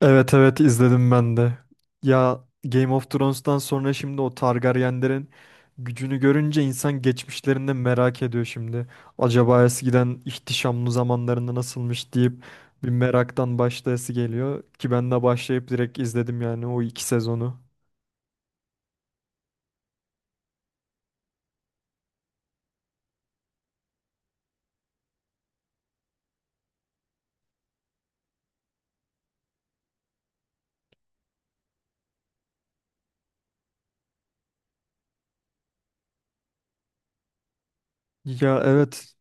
Evet evet izledim ben de. Ya Game of Thrones'tan sonra şimdi o Targaryenlerin gücünü görünce insan geçmişlerinde merak ediyor şimdi. Acaba eskiden ihtişamlı zamanlarında nasılmış deyip bir meraktan başlayası geliyor ki ben de başlayıp direkt izledim yani o iki sezonu. Ya evet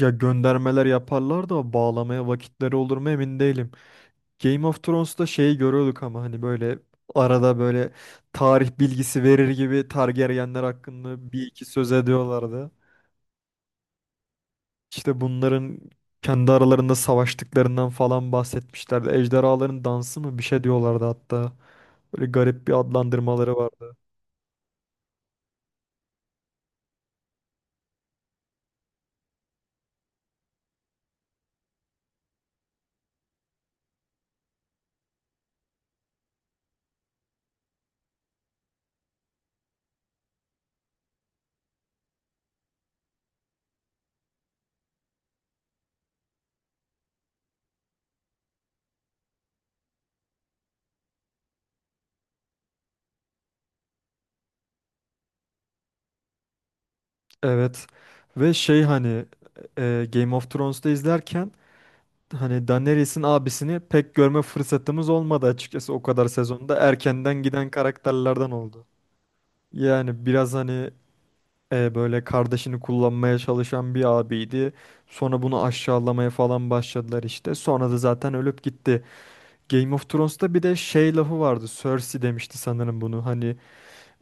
ya göndermeler yaparlar da bağlamaya vakitleri olur mu emin değilim. Game of Thrones'ta şeyi görüyorduk ama hani böyle arada tarih bilgisi verir gibi Targaryenler hakkında bir iki söz ediyorlardı. İşte bunların kendi aralarında savaştıklarından falan bahsetmişlerdi. Ejderhaların dansı mı bir şey diyorlardı hatta. Böyle garip bir adlandırmaları vardı. Evet. Ve şey hani Game of Thrones'ta izlerken hani Daenerys'in abisini pek görme fırsatımız olmadı açıkçası o kadar sezonda. Erkenden giden karakterlerden oldu. Yani biraz hani böyle kardeşini kullanmaya çalışan bir abiydi. Sonra bunu aşağılamaya falan başladılar işte. Sonra da zaten ölüp gitti. Game of Thrones'ta bir de şey lafı vardı. Cersei demişti sanırım bunu. Hani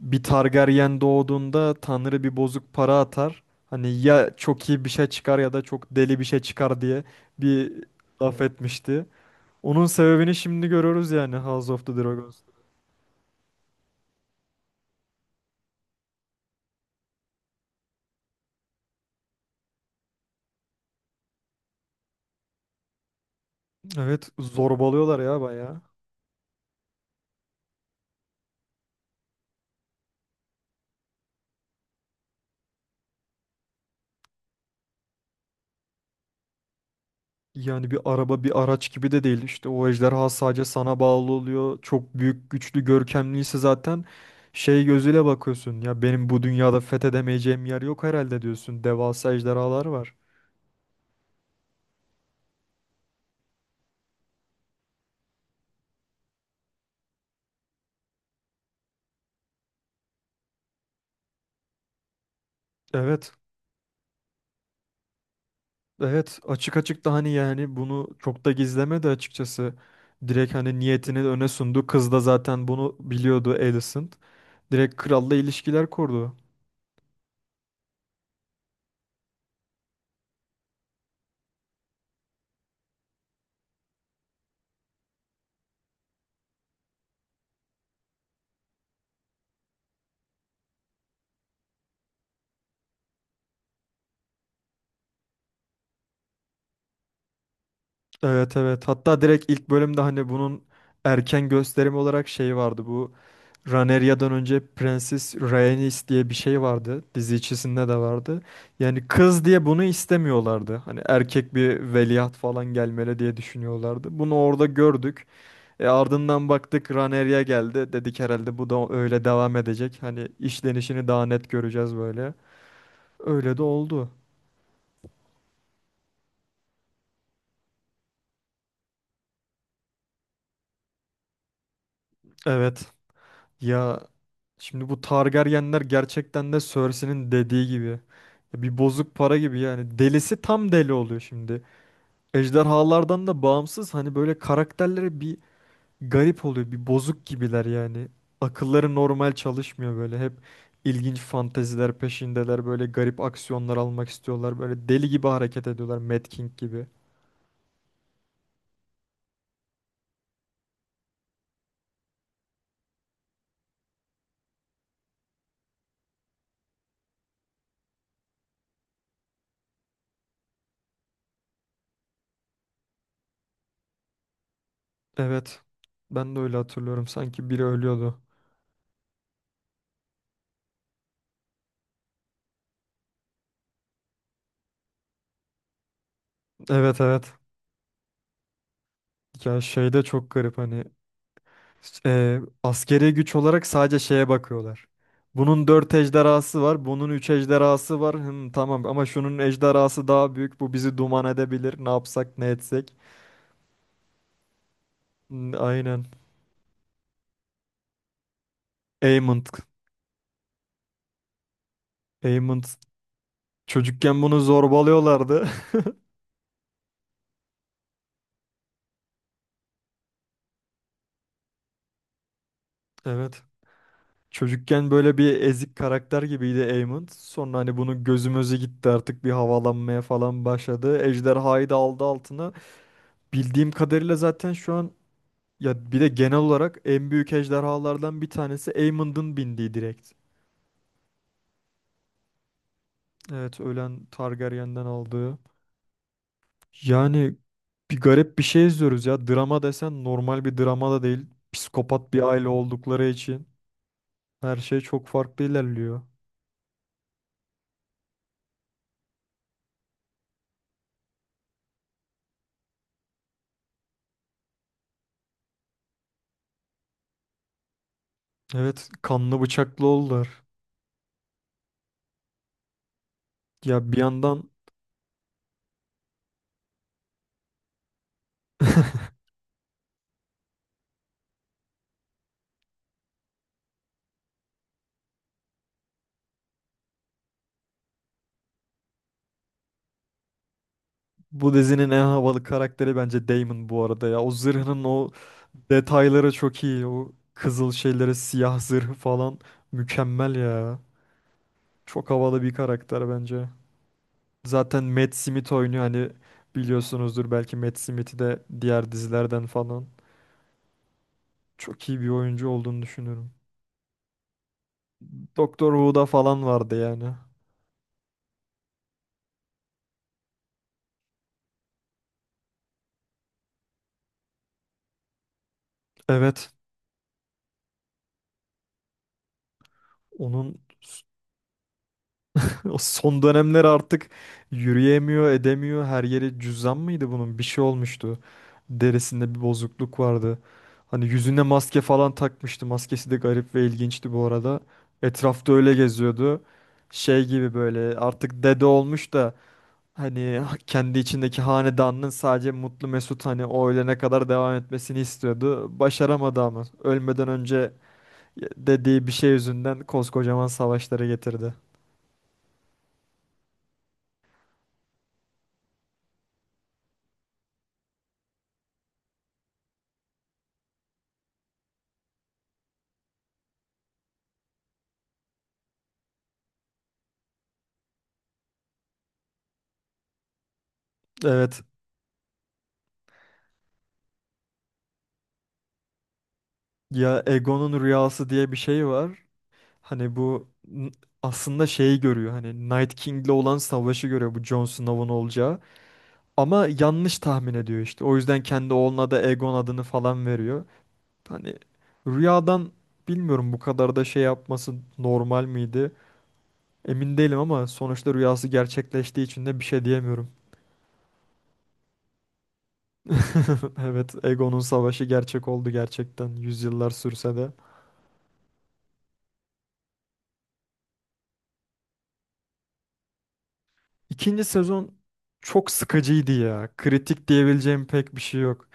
bir Targaryen doğduğunda Tanrı bir bozuk para atar. Hani ya çok iyi bir şey çıkar ya da çok deli bir şey çıkar diye bir laf etmişti. Onun sebebini şimdi görüyoruz yani House of the Dragons. Evet zorbalıyorlar ya bayağı. Yani bir araba bir araç gibi de değil. İşte o ejderha sadece sana bağlı oluyor. Çok büyük, güçlü, görkemliyse zaten şey gözüyle bakıyorsun. Ya benim bu dünyada fethedemeyeceğim yer yok herhalde diyorsun. Devasa ejderhalar var. Evet. Evet. Açık açık da hani yani bunu çok da gizlemedi açıkçası. Direkt hani niyetini öne sundu. Kız da zaten bunu biliyordu Alicent. Direkt kralla ilişkiler kurdu. Evet evet. Hatta direkt ilk bölümde hani bunun erken gösterim olarak şey vardı bu. Raneria'dan önce Prenses Rhaenys diye bir şey vardı. Dizi içerisinde de vardı. Yani kız diye bunu istemiyorlardı. Hani erkek bir veliaht falan gelmeli diye düşünüyorlardı. Bunu orada gördük. E ardından baktık Rhaenyra geldi. Dedik herhalde bu da öyle devam edecek. Hani işlenişini daha net göreceğiz böyle. Öyle de oldu. Evet. Ya şimdi bu Targaryenler gerçekten de Cersei'nin dediği gibi. Ya bir bozuk para gibi yani. Delisi tam deli oluyor şimdi. Ejderhalardan da bağımsız hani böyle karakterleri bir garip oluyor. Bir bozuk gibiler yani. Akılları normal çalışmıyor böyle. Hep ilginç fanteziler peşindeler. Böyle garip aksiyonlar almak istiyorlar. Böyle deli gibi hareket ediyorlar. Mad King gibi. Evet. Ben de öyle hatırlıyorum. Sanki biri ölüyordu. Evet evet. Ya şey de çok garip hani. Askeri güç olarak sadece şeye bakıyorlar. Bunun 4 ejderhası var, bunun 3 ejderhası var. Tamam ama şunun ejderhası daha büyük. Bu bizi duman edebilir. Ne yapsak, ne etsek. Hmm, aynen. Aemond. Aemond. Çocukken bunu zorbalıyorlardı. Evet. Çocukken böyle bir ezik karakter gibiydi Aemond. Sonra hani bunu gözümüzü gitti artık bir havalanmaya falan başladı. Ejderhayı da aldı altına. Bildiğim kadarıyla zaten şu an ya bir de genel olarak en büyük ejderhalardan bir tanesi Aemond'un bindiği direkt. Evet ölen Targaryen'den aldığı. Yani bir garip bir şey izliyoruz ya. Drama desen normal bir drama da değil. Psikopat bir aile oldukları için her şey çok farklı ilerliyor. Evet kanlı bıçaklı oldular. Ya bir yandan bu dizinin en havalı karakteri bence Daemon bu arada ya. O zırhının o detayları çok iyi. O kızıl şeyleri, siyah zırhı falan mükemmel ya. Çok havalı bir karakter bence. Zaten Matt Smith oynuyor hani biliyorsunuzdur belki Matt Smith'i de diğer dizilerden falan. Çok iyi bir oyuncu olduğunu düşünüyorum. Doktor Who'da falan vardı yani. Evet. Onun o son dönemler artık yürüyemiyor, edemiyor. Her yeri cüzdan mıydı bunun? Bir şey olmuştu. Derisinde bir bozukluk vardı. Hani yüzüne maske falan takmıştı. Maskesi de garip ve ilginçti bu arada. Etrafta öyle geziyordu şey gibi böyle artık dede olmuş da hani kendi içindeki hanedanının sadece mutlu mesut hani o ölene kadar devam etmesini istiyordu. Başaramadı ama ölmeden önce dediği bir şey yüzünden koskocaman savaşları getirdi. Evet ya Egon'un rüyası diye bir şey var. Hani aslında şeyi görüyor hani Night King'le olan savaşı görüyor bu Jon Snow'un olacağı. Ama yanlış tahmin ediyor işte. O yüzden kendi oğluna da Egon adını falan veriyor. Hani rüyadan bilmiyorum bu kadar da şey yapması normal miydi? Emin değilim ama sonuçta rüyası gerçekleştiği için de bir şey diyemiyorum. Evet, Egon'un savaşı gerçek oldu gerçekten yüzyıllar sürse de. İkinci sezon çok sıkıcıydı ya. Kritik diyebileceğim pek bir şey yok.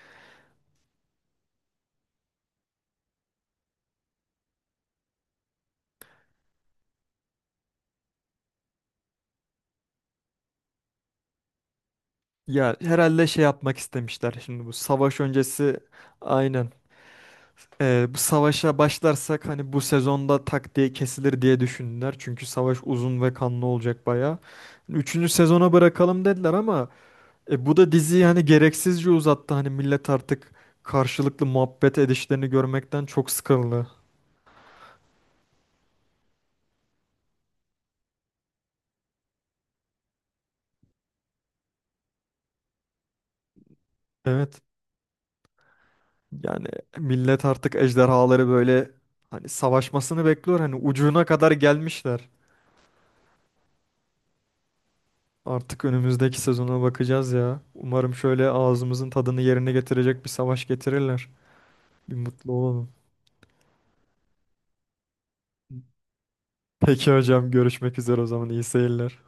Ya herhalde şey yapmak istemişler şimdi bu savaş öncesi aynen. Bu savaşa başlarsak hani bu sezonda tak diye kesilir diye düşündüler. Çünkü savaş uzun ve kanlı olacak bayağı. Hani üçüncü sezona bırakalım dediler ama bu da diziyi hani gereksizce uzattı. Hani millet artık karşılıklı muhabbet edişlerini görmekten çok sıkıldı. Evet. Yani millet artık ejderhaları böyle hani savaşmasını bekliyor. Hani ucuna kadar gelmişler. Artık önümüzdeki sezona bakacağız ya. Umarım şöyle ağzımızın tadını yerine getirecek bir savaş getirirler. Bir mutlu olalım. Peki hocam görüşmek üzere o zaman iyi seyirler.